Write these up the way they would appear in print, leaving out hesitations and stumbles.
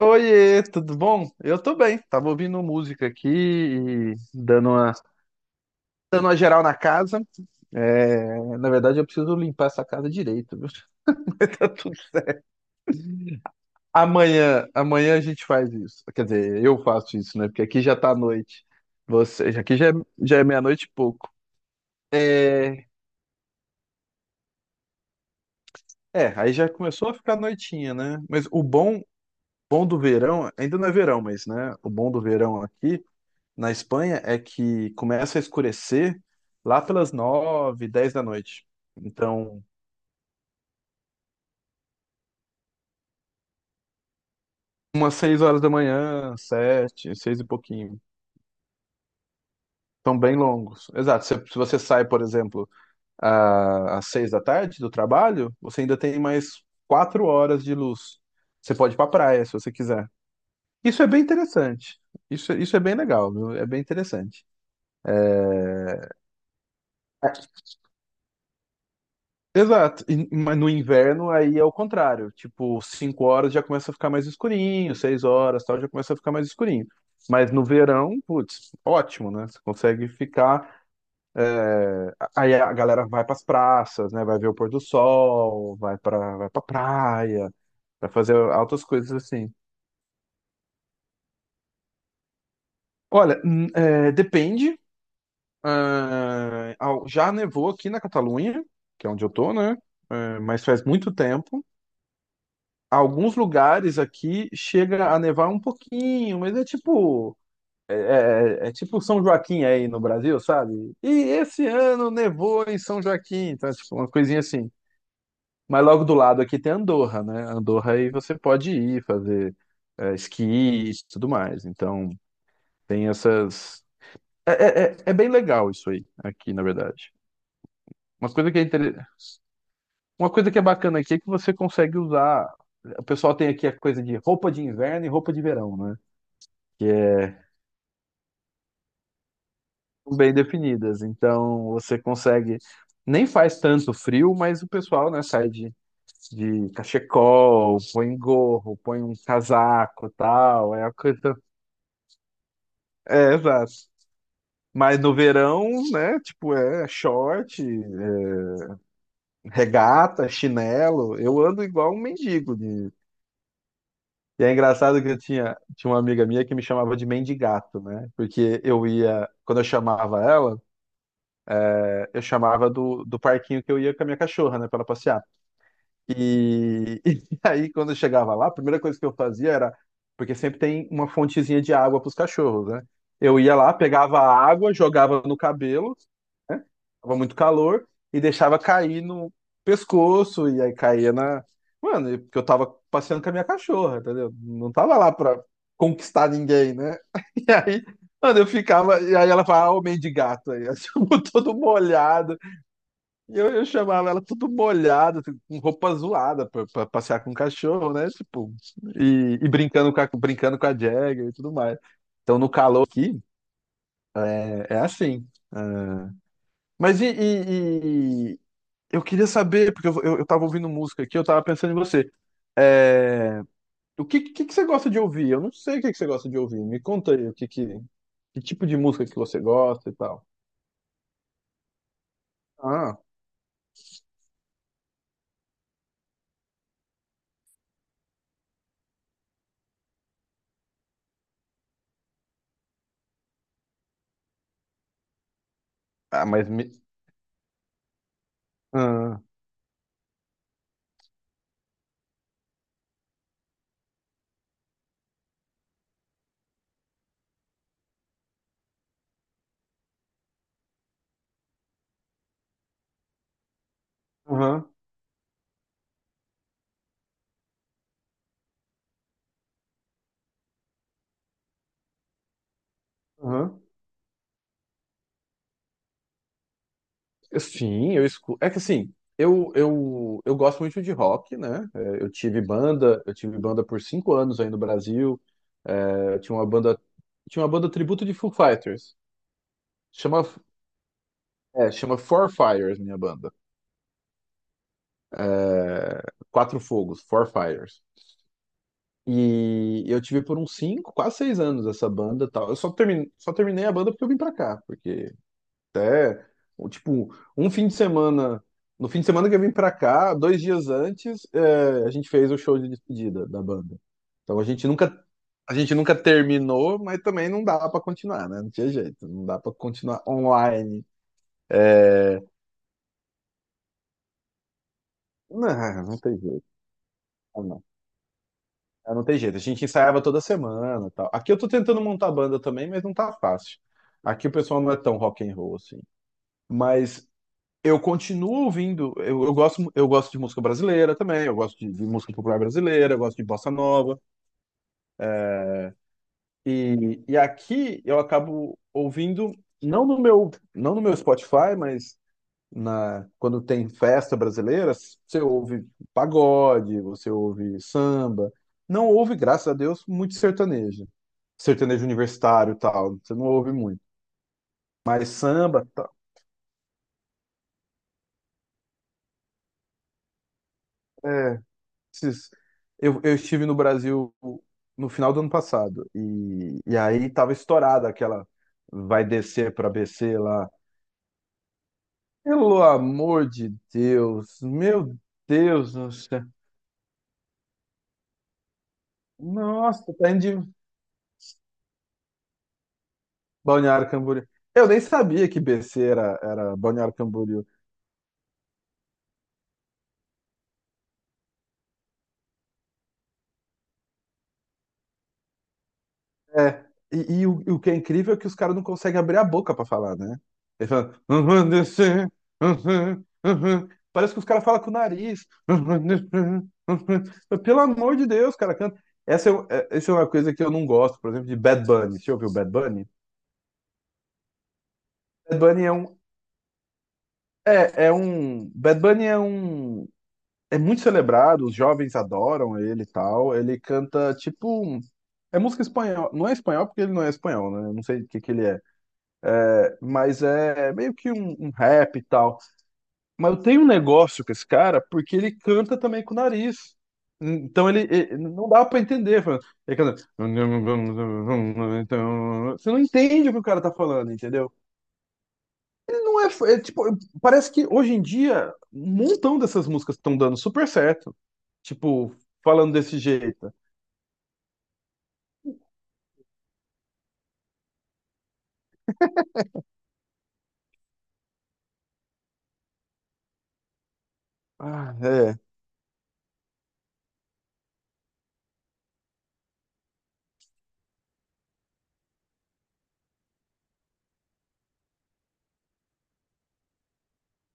Oiê, tudo bom? Eu tô bem. Tava ouvindo música aqui e dando uma geral na casa. É, na verdade, eu preciso limpar essa casa direito, viu? Tá tudo- Amanhã, amanhã a gente faz isso. Quer dizer, eu faço isso, né? Porque aqui já tá noite. Você, aqui já é meia-noite e pouco. É, é, aí já começou a ficar noitinha, né? Mas o bom do verão, ainda não é verão, mas, né? O bom do verão aqui na Espanha é que começa a escurecer lá pelas nove, dez da noite. Então, umas seis horas da manhã, sete, seis e pouquinho. São bem longos. Exato. Se você sai, por exemplo, às seis da tarde do trabalho, você ainda tem mais 4 horas de luz. Você pode ir pra praia, se você quiser. Isso é bem interessante. Isso é bem legal, viu? É bem interessante. Exato, mas no inverno aí é o contrário, tipo, 5 horas já começa a ficar mais escurinho, 6 horas, tal, já começa a ficar mais escurinho. Mas no verão, putz, ótimo, né? Você consegue ficar, aí a galera vai para as praças, né? Vai ver o pôr do sol, vai para praia, vai fazer altas coisas assim. Olha, é, depende. Já nevou aqui na Catalunha, que é onde eu tô, né? É, mas faz muito tempo. Alguns lugares aqui chega a nevar um pouquinho, mas é tipo. É tipo São Joaquim aí no Brasil, sabe? E esse ano nevou em São Joaquim, então é tipo uma coisinha assim. Mas logo do lado aqui tem Andorra, né? Andorra aí você pode ir fazer esqui e tudo mais. Então tem essas. É bem legal isso aí, aqui, na verdade. Uma coisa que é inter... uma coisa que é bacana aqui é que você consegue usar. O pessoal tem aqui a coisa de roupa de inverno e roupa de verão, né? Que é bem definidas. Então você consegue. Nem faz tanto frio, mas o pessoal, né, sai de cachecol, põe um gorro, põe um casaco, e tal, é a coisa. É, exato. Mas no verão, né, tipo, é short, é regata, chinelo, eu ando igual um mendigo de, e é engraçado que eu tinha uma amiga minha que me chamava de mendigato, né? Porque eu ia, quando eu chamava ela, eu chamava do parquinho que eu ia com a minha cachorra, né? Pra ela passear. E, e aí, quando eu chegava lá, a primeira coisa que eu fazia era. Porque sempre tem uma fontezinha de água para os cachorros, né? Eu ia lá, pegava a água, jogava no cabelo, né? Tava muito calor, e deixava cair no pescoço, e aí caía na. Mano, porque eu tava passeando com a minha cachorra, entendeu? Não tava lá pra conquistar ninguém, né? E aí, mano, eu ficava. E aí ela falava, ah, homem de gato aí. assim, todo molhado. E eu chamava ela tudo molhada, assim, com roupa zoada pra passear com o cachorro, né? Tipo, e brincando com a Jagger e tudo mais. Então, no calor aqui, é assim. É. Mas eu queria saber, porque eu tava ouvindo música aqui, eu tava pensando em você. É, o que, que você gosta de ouvir? Eu não sei o que, que você gosta de ouvir. Me conta aí o que, que tipo de música que você gosta e tal. Ah, ah mas me. Ah, aham, aham. Sim, eu escuto. É que assim, eu gosto muito de rock, né? É, eu tive banda por 5 anos aí no Brasil. É, eu tinha uma banda tributo de Foo Fighters. Chama, chama Four Fires, minha banda. É, Quatro Fogos, Four Fires. E eu tive por uns cinco, quase seis anos essa banda e tal. Eu só terminei a banda porque eu vim pra cá, porque até, ou, tipo, um fim de semana. No fim de semana que eu vim pra cá, 2 dias antes, a gente fez o show de despedida da banda. Então a gente nunca terminou, mas também não dá pra continuar, né? Não tinha jeito, não dá pra continuar online. É, não, não tem jeito. Ah, não, ah, não tem jeito. A gente ensaiava toda semana, e tal. Aqui eu tô tentando montar banda também, mas não tá fácil. Aqui o pessoal não é tão rock and roll assim. Mas eu continuo ouvindo, eu gosto de música brasileira também, eu gosto de música popular brasileira, eu gosto de bossa nova. E aqui eu acabo ouvindo, não no meu Spotify, mas na, quando tem festa brasileira, você ouve pagode, você ouve samba. Não ouve, graças a Deus, muito sertanejo. Sertanejo universitário e tal, você não ouve muito. Mas samba, tá, é, esses- Eu estive no Brasil no final do ano passado e aí tava estourada aquela vai descer para BC lá. Pelo amor de Deus, meu Deus do céu. Nossa, tá indo de Balneário Camboriú. Eu nem sabia que BC era Balneário Camboriú. É. E o que é incrível é que os caras não conseguem abrir a boca pra falar, né? Ele fala. "Uhum, descer, uhum, uhum." Parece que os caras falam com o nariz. "Uhum, descer, uhum." Pelo amor de Deus, cara, canta. Essa é uma coisa que eu não gosto, por exemplo, de Bad Bunny. Você ouviu Bad Bunny? Bad Bunny é um. É, é um. Bad Bunny é um. É muito celebrado, os jovens adoram ele e tal. Ele canta tipo. É música espanhol. Não é espanhol porque ele não é espanhol, né? Eu não sei o que que ele é. É, mas é meio que um rap e tal. Mas eu tenho um negócio com esse cara porque ele canta também com o nariz. Então não dá pra entender. Ele canta. Então, você não entende o que o cara tá falando, entendeu? Ele não é, é tipo, parece que hoje em dia um montão dessas músicas estão dando super certo. Tipo, falando desse jeito. Ah, é.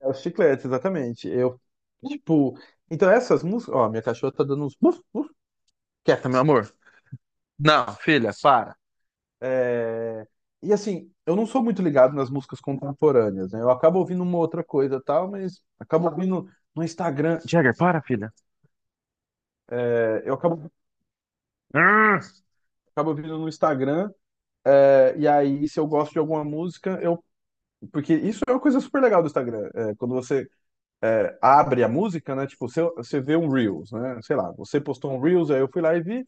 É os chicletes, exatamente. Eu, tipo, então essas músicas, ó, minha cachorra tá dando uns buf, buf, quieta, meu amor. Não, filha, para. É, e assim, eu não sou muito ligado nas músicas contemporâneas, né? Eu acabo ouvindo uma outra coisa e tal, mas acabo ouvindo no Instagram. Jagger, para, filha. É, eu acabo, ah! Acabo ouvindo no Instagram. E aí, se eu gosto de alguma música, eu. Porque isso é uma coisa super legal do Instagram. Quando você abre a música, né? Tipo, você vê um Reels, né? Sei lá, você postou um Reels, aí eu fui lá e vi.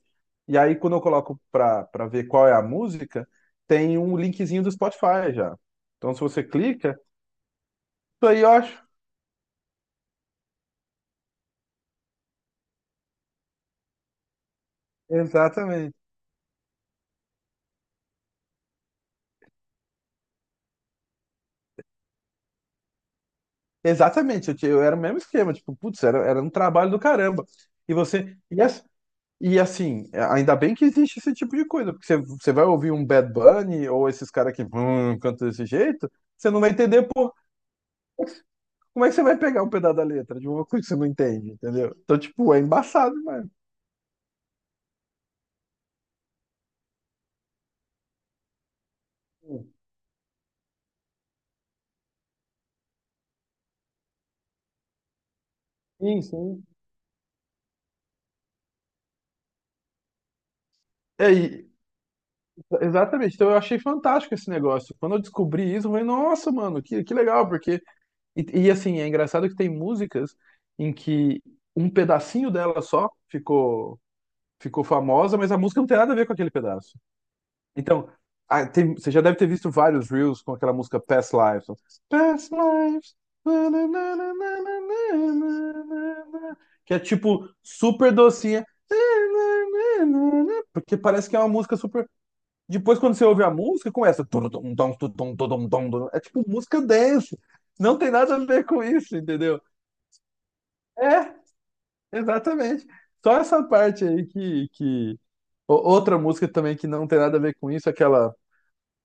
E aí, quando eu coloco pra ver qual é a música, tem um linkzinho do Spotify já. Então, se você clica, isso aí eu acho. Exatamente. Exatamente, eu era o mesmo esquema, tipo, putz, era um trabalho do caramba. E você. E assim, ainda bem que existe esse tipo de coisa, porque você vai ouvir um Bad Bunny ou esses caras que cantam desse jeito, você não vai entender. Como é que você vai pegar um pedaço da letra de uma coisa que você não entende, entendeu? Então, tipo, é embaçado, mano. Sim, sim. É, exatamente. Então eu achei fantástico esse negócio. Quando eu descobri isso, eu falei, nossa, mano, que legal, porque. E, assim, é engraçado que tem músicas em que um pedacinho dela só ficou famosa, mas a música não tem nada a ver com aquele pedaço. Então, você já deve ter visto vários Reels com aquela música Past Lives. Past Lives. Na, na, na, na, na, na, na, na, na, que é tipo super docinha. Na, na, na, na, na, porque parece que é uma música super. Depois, quando você ouve a música, começa. Tum, tum, tum, tum, tum, tum, tum, tum. É tipo música dance. Não tem nada a ver com isso, entendeu? É, exatamente. Só essa parte aí que... Outra música também que não tem nada a ver com isso, aquela.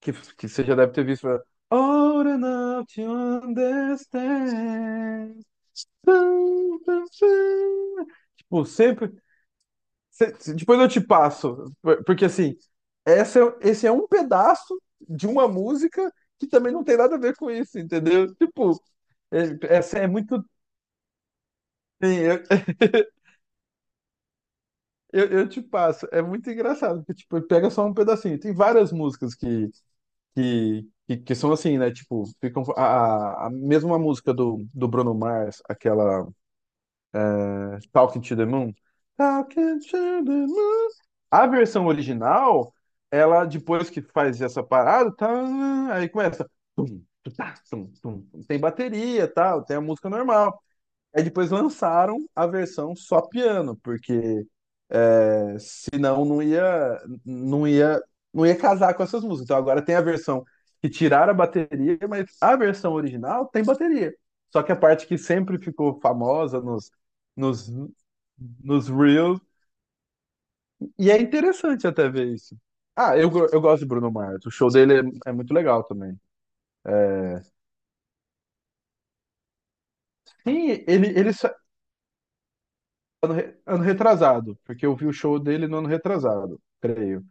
Que você já deve ter visto, né? Old enough to understand. Tipo, sempre. Depois eu te passo. Porque assim, essa, é- esse é um pedaço de uma música que também não tem nada a ver com isso, entendeu? Tipo, essa é muito. Eu, eu te passo. É muito engraçado, porque tipo, pega só um pedacinho. Tem várias músicas que são assim, né? Tipo, ficam a mesma música do Bruno Mars, aquela Talking to the Moon. Talking to the Moon. A versão original, ela depois que faz essa parada, tá, aí começa. Tum, tutá, tum, tum, tum. Tem bateria, tal, tem a música normal. Aí depois lançaram a versão só piano, porque eh, senão não ia casar com essas músicas. Então agora tem a versão que tiraram a bateria, mas a versão original tem bateria. Só que a parte que sempre ficou famosa nos, nos Reels. E é interessante até ver isso. Ah, eu gosto de Bruno Mars. O show dele é muito legal também. É, sim, ele ano retrasado, porque eu vi o show dele no ano retrasado, creio.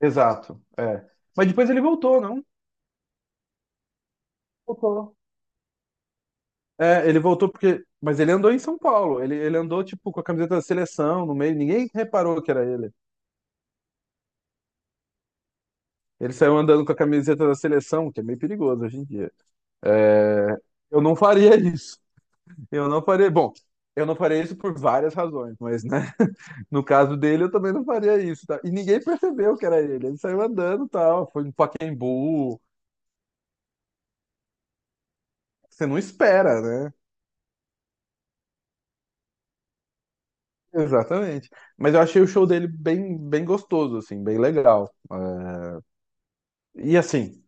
Exato, é. Mas depois ele voltou, não? Voltou. É, ele voltou porque. Mas ele andou em São Paulo. Ele andou, tipo, com a camiseta da seleção no meio. Ninguém reparou que era ele. Ele saiu andando com a camiseta da seleção, que é meio perigoso hoje em dia. É, eu não faria isso. Eu não faria. Bom, eu não faria isso por várias razões, mas, né? No caso dele, eu também não faria isso, tá? E ninguém percebeu que era ele. Ele saiu andando e tal. Foi no Pacaembu. Você não espera, né? Exatamente. Mas eu achei o show dele bem, bem gostoso, assim, bem legal. É, e assim.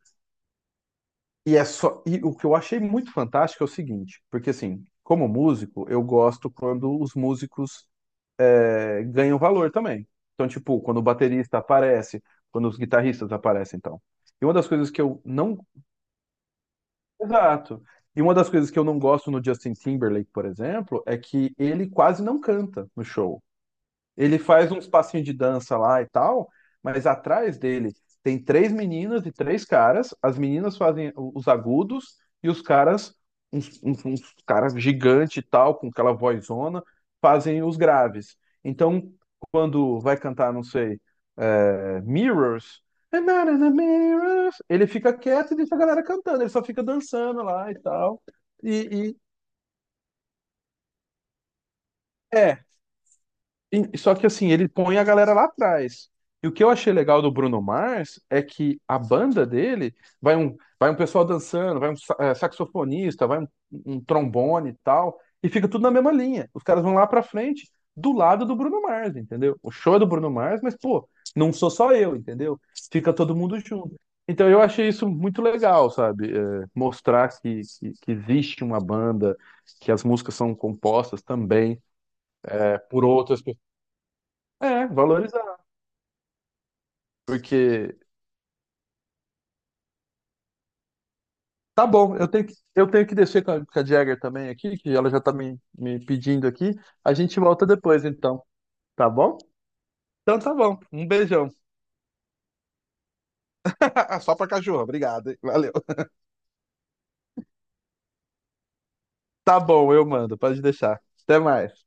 E é só. E o que eu achei muito fantástico é o seguinte, porque assim, como músico, eu gosto quando os músicos ganham valor também. Então, tipo, quando o baterista aparece, quando os guitarristas aparecem, então. E uma das coisas que eu não. Exato. E uma das coisas que eu não gosto no Justin Timberlake, por exemplo, é que ele quase não canta no show. Ele faz uns passinhos de dança lá e tal, mas atrás dele tem três meninas e três caras. As meninas fazem os agudos e os caras, uns caras gigante e tal, com aquela vozona, fazem os graves. Então, quando vai cantar, não sei, é, Mirrors, I'm not in the mirrors, ele fica quieto e deixa a galera cantando, ele só fica dançando lá e tal. E, e- é, só que assim, ele põe a galera lá atrás. E o que eu achei legal do Bruno Mars é que a banda dele vai um pessoal dançando, vai um saxofonista, vai um, um trombone e tal, e fica tudo na mesma linha. Os caras vão lá pra frente, do lado do Bruno Mars, entendeu? O show é do Bruno Mars, mas pô, não sou só eu, entendeu? Fica todo mundo junto. Então eu achei isso muito legal, sabe? Mostrar que, que existe uma banda, que as músicas são compostas também por outras pessoas valorizar. Porque tá bom, eu tenho que descer com a Jagger também aqui, que ela já tá me pedindo aqui. A gente volta depois, então. Tá bom? Então tá bom. Um beijão. Só pra cachorro, obrigado. Hein? Valeu. Tá bom, eu mando. Pode deixar. Até mais.